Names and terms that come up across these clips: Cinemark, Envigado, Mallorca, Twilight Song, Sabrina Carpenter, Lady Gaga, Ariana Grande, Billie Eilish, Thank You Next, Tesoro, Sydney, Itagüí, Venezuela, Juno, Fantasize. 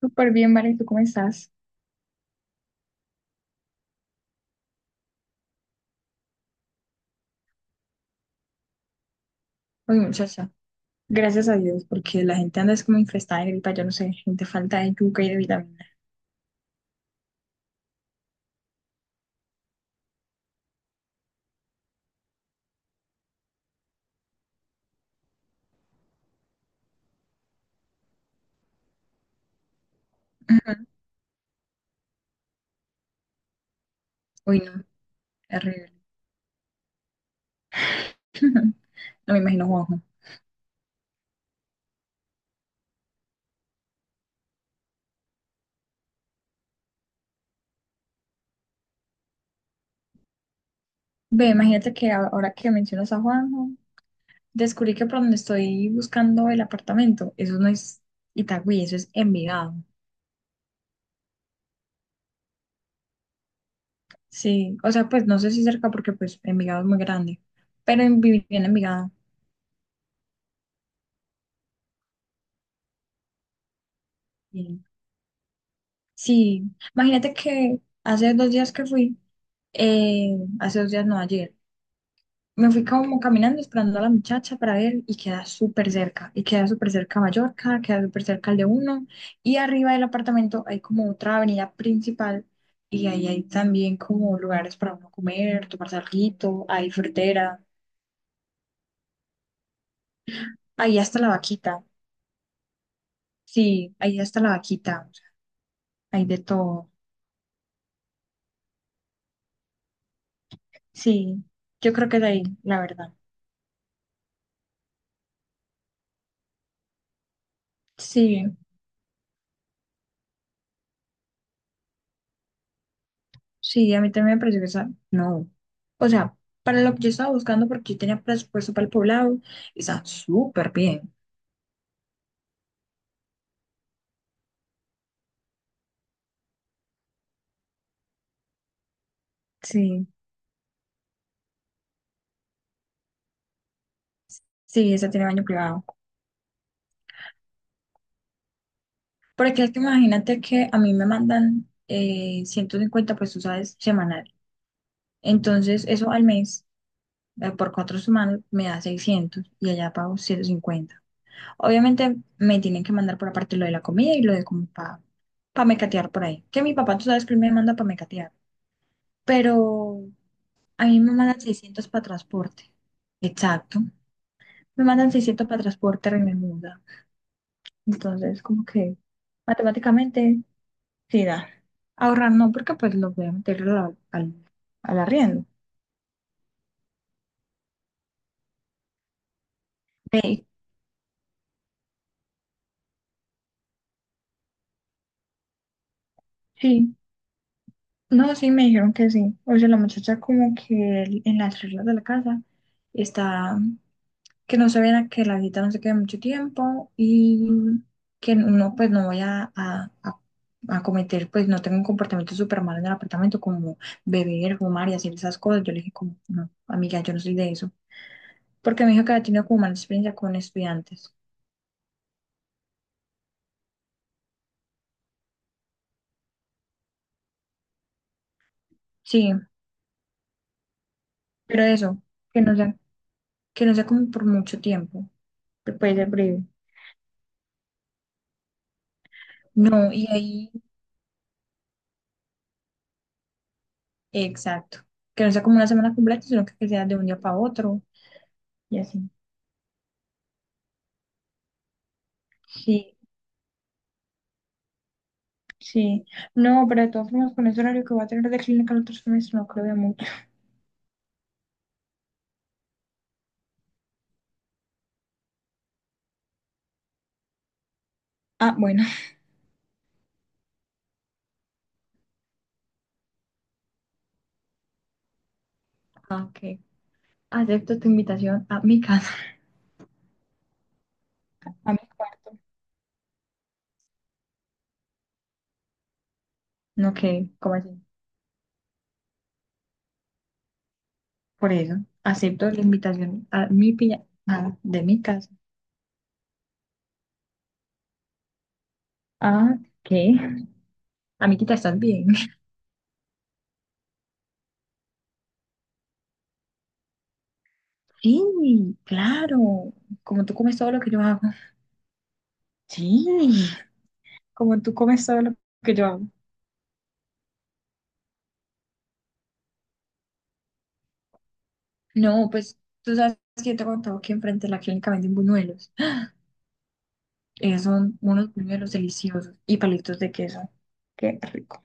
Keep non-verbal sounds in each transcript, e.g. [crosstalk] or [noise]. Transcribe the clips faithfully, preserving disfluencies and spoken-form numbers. Súper bien, Vale, ¿tú cómo estás? Oye, muchacha, gracias a Dios, porque la gente anda es como infestada de gripa, yo no sé, gente falta de yuca y de vitamina. [laughs] Uy, no, horrible. [laughs] No me imagino Juanjo. Ve, imagínate que a- ahora que mencionas a Juanjo, descubrí que por donde estoy buscando el apartamento, eso no es Itagüí, eso es Envigado. Sí, o sea, pues no sé si cerca porque pues Envigado es muy grande, pero en, viví en Envigado. Bien. Sí, imagínate que hace dos días que fui, eh, hace dos días no, ayer. Me fui como caminando esperando a la muchacha para ver y queda súper cerca. Y queda súper cerca Mallorca, queda súper cerca el de uno. Y arriba del apartamento hay como otra avenida principal y ahí hay también como lugares para uno comer, tomar alguito, hay frutera, ahí hasta la vaquita. Sí, ahí hasta la vaquita, o sea, hay de todo. Sí, yo creo que de ahí, la verdad. Sí. Sí, a mí también me pareció que esa, no. O sea, para lo que yo estaba buscando, porque yo tenía presupuesto para el poblado, está súper bien. Sí, sí, esa tiene baño privado. Porque es que imagínate que a mí me mandan eh, ciento cincuenta pues tú sabes, semanal. Entonces, eso al mes, eh, por cuatro semanas, me da seiscientos y allá pago ciento cincuenta. Obviamente, me tienen que mandar por aparte lo de la comida y lo de como para pa pa mecatear por ahí. Que mi papá, tú sabes que él me manda para mecatear. Pero. A mí me mandan seiscientos para transporte. Exacto. Me mandan seiscientos para transporte y me muda. Entonces, como que matemáticamente, sí da. Ahorrar no, porque pues lo voy a meter al, al, al arriendo. Ve, sí. No, sí, me dijeron que sí. O sea, la muchacha como que en las reglas de la casa está que no se viera que la visita no se quede mucho tiempo y que no, pues no voy a, a- a- a cometer, pues no tengo un comportamiento súper malo en el apartamento como beber, fumar y hacer esas cosas. Yo le dije como, no, amiga, yo no soy de eso. Porque me dijo que había tenido como mala experiencia con estudiantes. Sí, pero eso, que no sea, que no sea como por mucho tiempo, que puede ser breve. No, y ahí, exacto, que no sea como una semana completa, sino que que sea de un día para otro y así. Sí. Sí, no, pero de todas formas, con ese horario que voy a tener de clínica el otro semestre, no creo de mucho. Ah, bueno. Ah, ok. Acepto tu invitación a mi casa. [laughs] a mi cuarto. No, que, ¿cómo así? Por eso, acepto la invitación a mi piña. Ah, de mi casa. Ah, ¿qué? Amiguita, ¿estás bien? [laughs] Sí, claro, como tú comes todo lo que yo hago. Sí, como tú comes todo lo que yo hago. No, pues tú sabes que yo te he contado que enfrente de la clínica venden buñuelos. Eh, son unos buñuelos deliciosos y palitos de queso. Qué rico.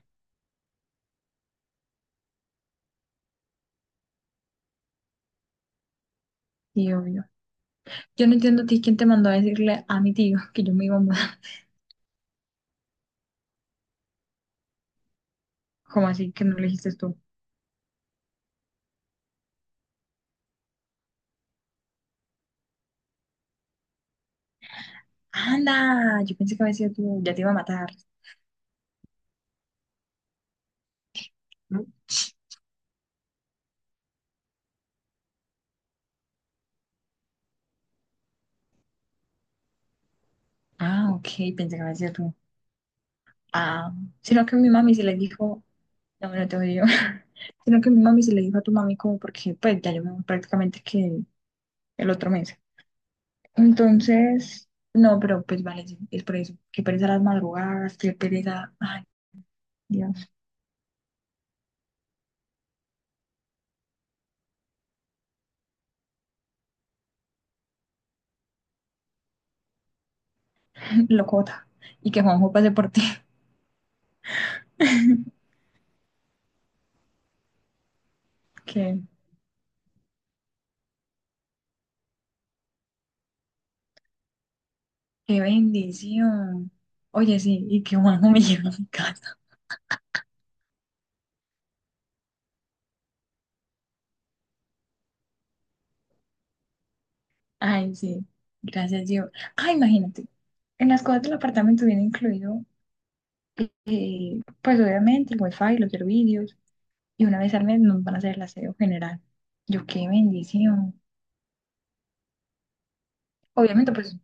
Sí, obvio. Yo no entiendo a ti quién te mandó a decirle a mi tío [laughs] que yo me iba a mudar. [laughs] ¿Cómo así que no le dijiste tú? Anda, yo pensé que había sido tú, ya te iba a matar. ¿No? Ah, ok, pensé que había sido tú. Ah, sino que mi mami se le dijo, no, no te odio, [laughs] sino que mi mami se le dijo a tu mami como porque pues ya yo me voy prácticamente que el otro mes. Entonces, no, pero pues vale, sí, es por eso, qué pereza las madrugadas, qué pereza, ay, Dios, [laughs] locota. Y que Juanjo pase por ti. [laughs] Qué, qué bendición. Oye, sí, y que Juanjo me [laughs] lleve a mi casa. Ay, sí. Gracias, Dios. Ah, imagínate. En las cosas del apartamento viene incluido, eh, pues obviamente, el wifi, los servicios. Y una vez al mes nos van a hacer el aseo general. Yo, qué bendición. Obviamente, pues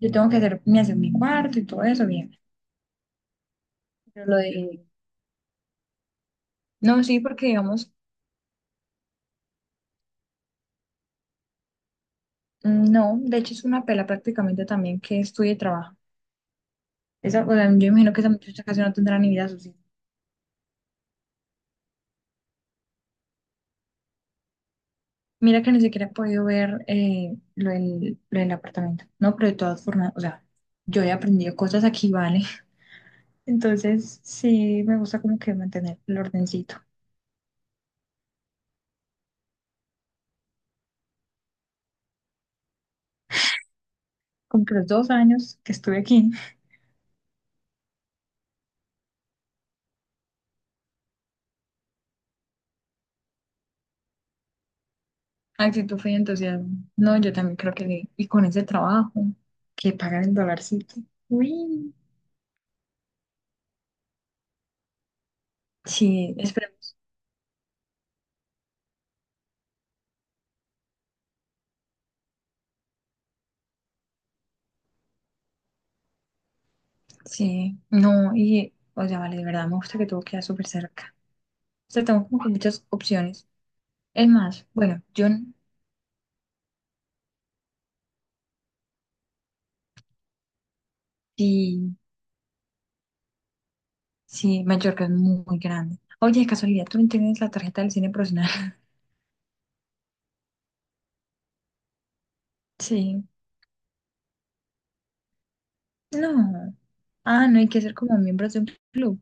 yo tengo que hacer mi aseo en mi cuarto y todo eso, bien. Pero lo de. No, sí, porque digamos, mm, no, de hecho es una pela prácticamente también que estudie y trabaja. Esa, o sea, yo imagino que esa muchacha casi no tendrá ni vida social. Mira que ni siquiera he podido ver eh, lo del, lo del apartamento. No, pero de todas formas, o sea, yo he aprendido cosas aquí, ¿vale? [laughs] Entonces, sí, me gusta como que mantener el ordencito. Como que los dos años que estuve aquí, [laughs] actitud fue entusiasmo. No, yo también creo que sí. Y con ese trabajo, que pagan el dolarcito. Uy. Sí, esperemos. Sí, no, y, o sea, vale, de verdad me gusta que todo queda súper cerca. O sea, tengo como que muchas opciones. Es más, bueno, yo n- sí, sí, Mallorca es muy, muy grande. Oye, de casualidad, ¿tú no tienes la tarjeta del cine profesional? [laughs] Sí. No. Ah, no hay que ser como miembros de un club.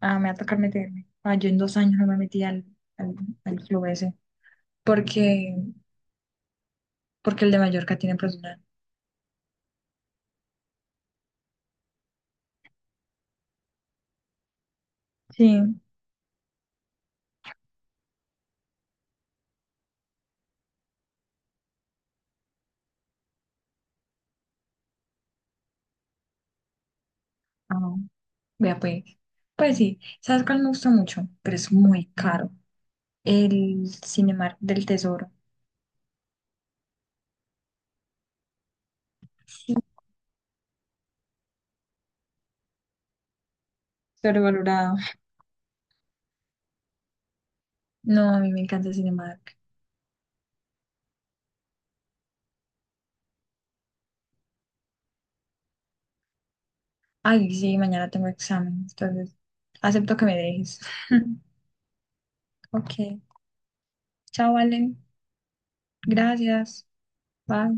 Ah, me va a tocar meterme. Ah, yo en dos años no me metí al, al, al club ese. Porque, porque el de Mallorca tiene profesional. Sí. Ah, vea pues. Pues sí, ¿sabes cuál me gusta mucho? Pero es muy caro. El Cinemark del Tesoro. Sobrevalorado. No, a mí me encanta el Cinemark. Ay, sí, mañana tengo examen, entonces acepto que me dejes. [laughs] Ok, chao, Valen. Gracias. Bye.